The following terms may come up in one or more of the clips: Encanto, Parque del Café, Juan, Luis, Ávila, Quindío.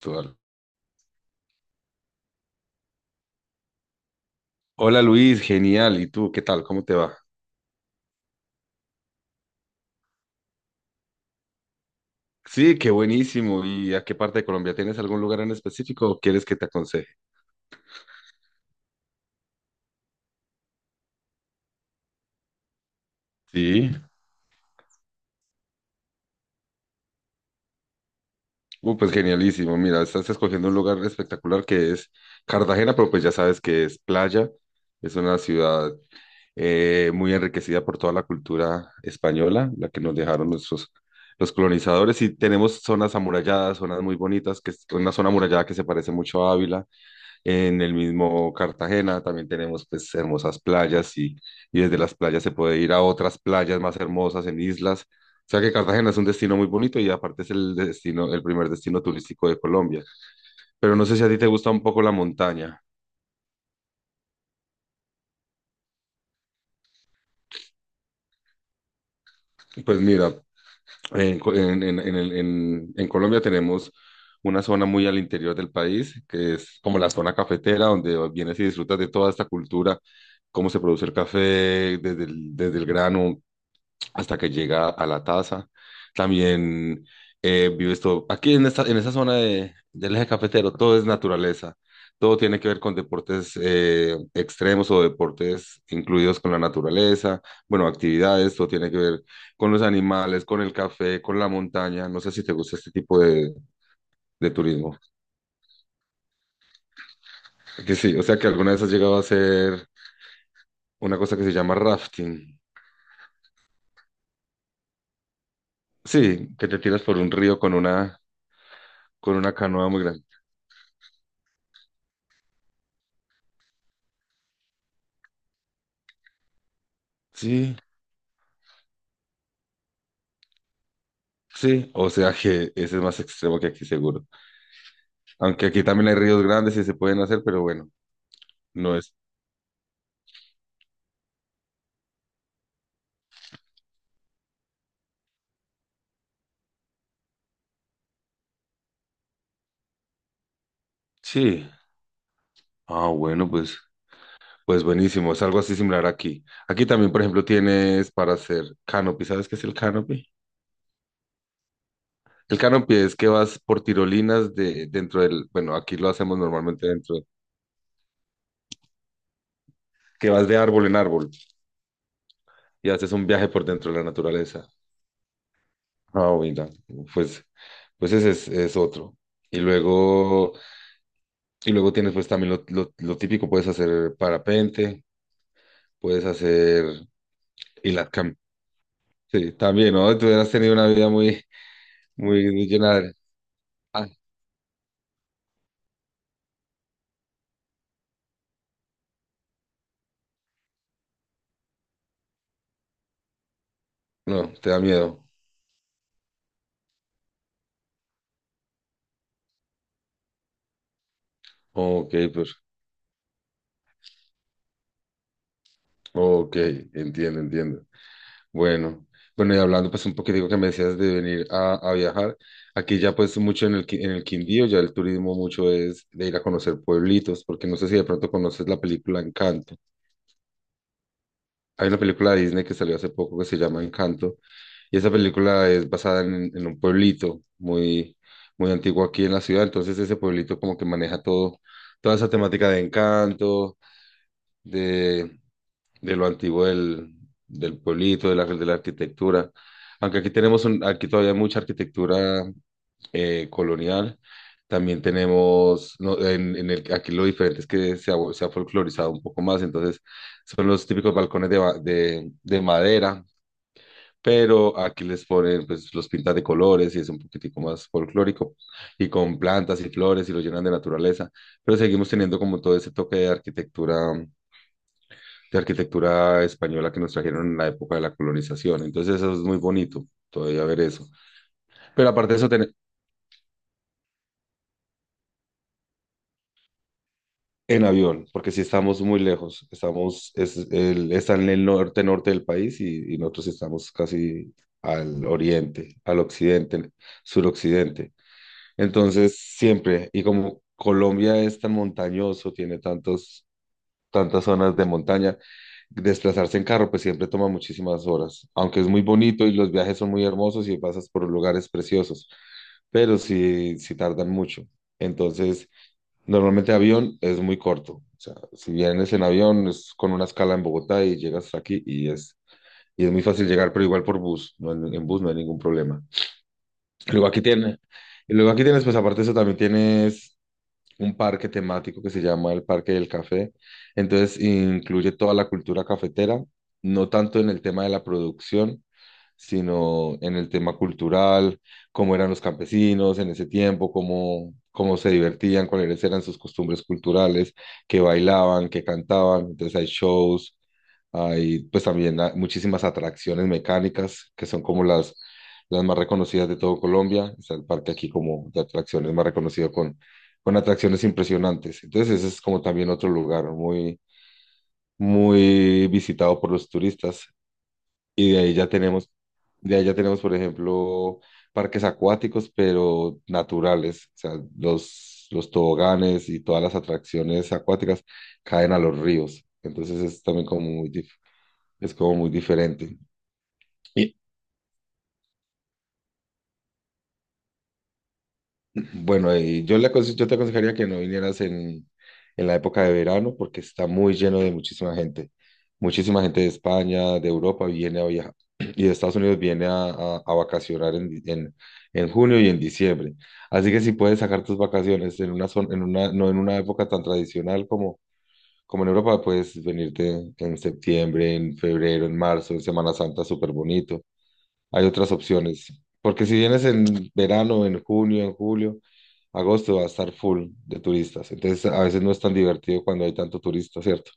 Actual. Hola Luis, genial. ¿Y tú qué tal? ¿Cómo te va? Sí, qué buenísimo. ¿Y a qué parte de Colombia? ¿Tienes algún lugar en específico o quieres que te aconseje? Sí. Pues genialísimo. Mira, estás escogiendo un lugar espectacular que es Cartagena, pero pues ya sabes que es playa. Es una ciudad muy enriquecida por toda la cultura española, la que nos dejaron nuestros los colonizadores. Y tenemos zonas amuralladas, zonas muy bonitas, que es una zona amurallada que se parece mucho a Ávila. En el mismo Cartagena también tenemos pues hermosas playas y desde las playas se puede ir a otras playas más hermosas en islas. O sea que Cartagena es un destino muy bonito y aparte es el destino, el primer destino turístico de Colombia. Pero no sé si a ti te gusta un poco la montaña. Pues mira, en, Co- en, el- en Colombia tenemos una zona muy al interior del país, que es como la zona cafetera, donde vienes y disfrutas de toda esta cultura, cómo se produce el café, desde el grano, hasta que llega a la taza. También vives todo, aquí en esta, zona del eje cafetero, todo es naturaleza, todo tiene que ver con deportes extremos o deportes incluidos con la naturaleza, bueno, actividades, todo tiene que ver con los animales, con el café, con la montaña, no sé si te gusta este tipo de turismo, que sí, o sea que alguna vez has llegado a hacer una cosa que se llama rafting, sí, que te tiras por un río con una canoa muy grande. Sí, sí, o sea que ese es más extremo que aquí seguro. Aunque aquí también hay ríos grandes y se pueden hacer, pero bueno, no es. Sí. Ah, bueno, pues buenísimo. Es algo así similar aquí. Aquí también, por ejemplo, tienes para hacer canopy. ¿Sabes qué es el canopy? El canopy es que vas por tirolinas de dentro del, bueno, aquí lo hacemos normalmente dentro, que vas de árbol en árbol y haces un viaje por dentro de la naturaleza. Ah, mira, pues, pues ese es otro. Y luego. Y luego tienes pues también lo típico, puedes hacer parapente, puedes hacer hilatcam. Sí, también, ¿no? Tú has tenido una vida muy, muy llena de. Ah, no, te da miedo. Ok, pues, ok, entiendo, entiendo. Bueno, bueno, y hablando pues un poquitico que me decías de venir a viajar, aquí ya pues mucho en el Quindío, ya el turismo mucho es de ir a conocer pueblitos, porque no sé si de pronto conoces la película Encanto. Hay una película de Disney que salió hace poco que se llama Encanto y esa película es basada en un pueblito muy, muy antiguo aquí en la ciudad, entonces ese pueblito como que maneja todo, toda esa temática de encanto, de, de lo antiguo del pueblito, de la arquitectura. Aunque aquí tenemos aquí todavía hay mucha arquitectura colonial. También tenemos, no, aquí lo diferente es que se ha folclorizado un poco más, entonces son los típicos balcones de madera, pero aquí les ponen, pues los pintan de colores y es un poquitico más folclórico, y con plantas y flores y lo llenan de naturaleza, pero seguimos teniendo como todo ese toque de arquitectura española que nos trajeron en la época de la colonización, entonces eso es muy bonito, todavía ver eso. Pero aparte de eso, En avión, porque si estamos muy lejos, está en el norte del país y nosotros estamos casi al oriente, al occidente, suroccidente. Entonces, siempre, y como Colombia es tan montañoso, tiene tantas zonas de montaña, desplazarse en carro, pues siempre toma muchísimas horas, aunque es muy bonito y los viajes son muy hermosos y pasas por lugares preciosos, pero sí, sí tardan mucho. Entonces, normalmente avión es muy corto. O sea, si vienes en avión es con una escala en Bogotá y llegas aquí y es muy fácil llegar, pero igual por bus, en bus no hay ningún problema. Luego aquí tiene, y luego aquí tienes, pues aparte de eso también tienes un parque temático que se llama el Parque del Café. Entonces incluye toda la cultura cafetera, no tanto en el tema de la producción, sino en el tema cultural, cómo eran los campesinos en ese tiempo, cómo se divertían, cuáles eran sus costumbres culturales, qué bailaban, qué cantaban. Entonces hay shows, hay pues también muchísimas atracciones mecánicas que son como las más reconocidas de todo Colombia. Está el parque aquí como de atracciones más reconocido con atracciones impresionantes. Entonces ese es como también otro lugar muy, muy visitado por los turistas. Y de ahí ya tenemos, de ahí ya tenemos, por ejemplo, parques acuáticos, pero naturales. O sea, los toboganes y todas las atracciones acuáticas caen a los ríos. Entonces es también como muy diferente. Y, bueno, yo te aconsejaría que no vinieras en la época de verano porque está muy lleno de muchísima gente. Muchísima gente de España, de Europa viene a viajar y de Estados Unidos viene a vacacionar en junio y en diciembre. Así que si puedes sacar tus vacaciones en una, zon- en una, no en una época tan tradicional como en Europa, puedes venirte en septiembre, en febrero, en marzo, en Semana Santa, súper bonito. Hay otras opciones. Porque si vienes en verano, en junio, en julio, agosto va a estar full de turistas. Entonces a veces no es tan divertido cuando hay tanto turista, ¿cierto?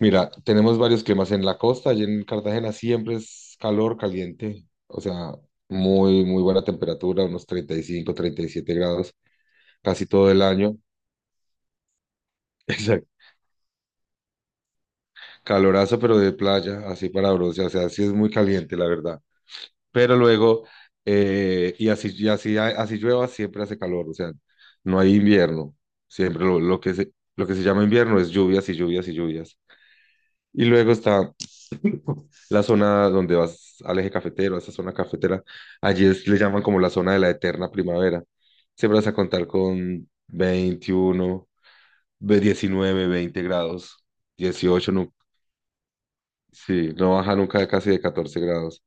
Mira, tenemos varios climas en la costa. Allí en Cartagena siempre es calor, caliente. O sea, muy, muy buena temperatura, unos 30 35, 37 grados casi todo el año. Exacto. Calorazo, pero de playa, así para bronce. O sea, sí es muy caliente, la verdad. Pero luego, así llueva, siempre hace calor, o sea, no hay invierno, siempre lo que se llama invierno es lluvias y lluvias y lluvias. Y luego está la zona donde vas al eje cafetero, a esa zona cafetera, allí le llaman como la zona de la eterna primavera. Siempre vas a contar con 21 19 20 grados, 18 no, sí, no baja nunca de casi de 14 grados.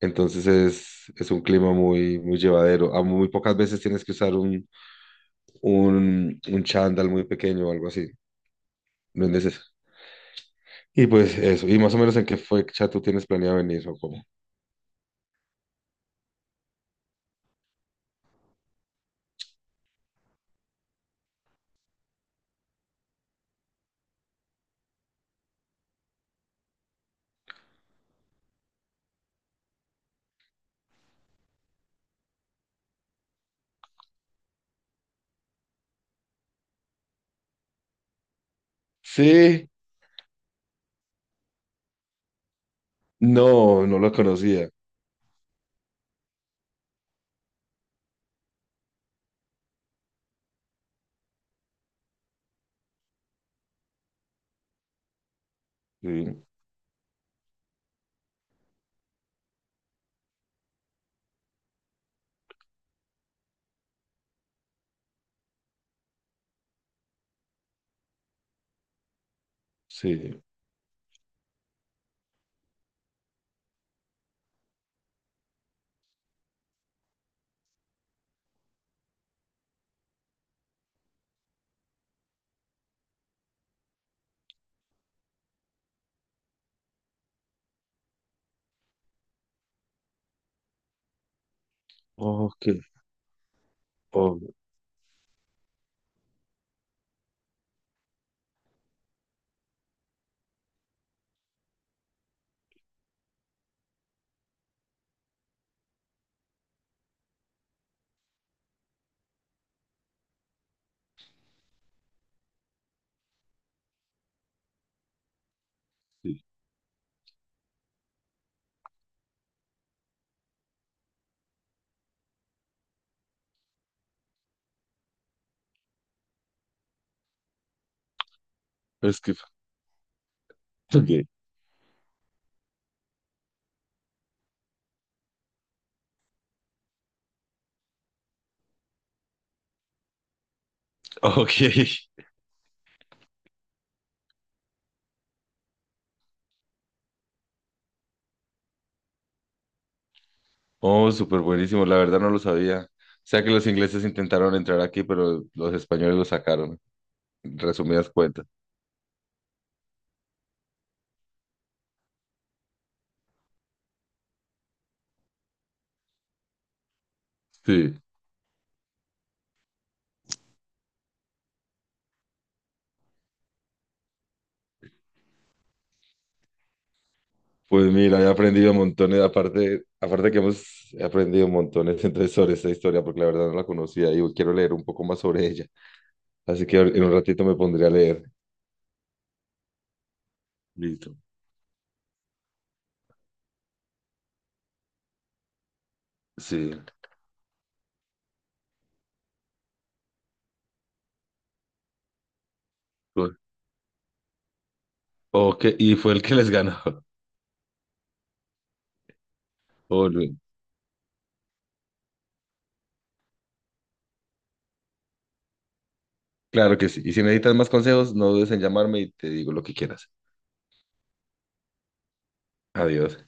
Entonces es un clima muy, muy llevadero. A muy pocas veces tienes que usar un chándal muy pequeño o algo así. No es necesario. Y pues eso. ¿Y más o menos en qué fecha tú tienes planeado venir o cómo? Sí, no, no lo conocía. Sí, sí. Ok, oh, sí. Es que. Ok. Ok. Oh, súper buenísimo. La verdad no lo sabía. O sea que los ingleses intentaron entrar aquí, pero los españoles lo sacaron. En resumidas cuentas. Sí. Pues mira, he aprendido montones, aparte que hemos he aprendido montones entonces sobre esta historia, porque la verdad no la conocía y quiero leer un poco más sobre ella. Así que en un ratito me pondré a leer. Listo. Sí. Cool. Ok, y fue el que les ganó. Oh, no. Claro que sí. Y si necesitas más consejos, no dudes en llamarme y te digo lo que quieras. Adiós.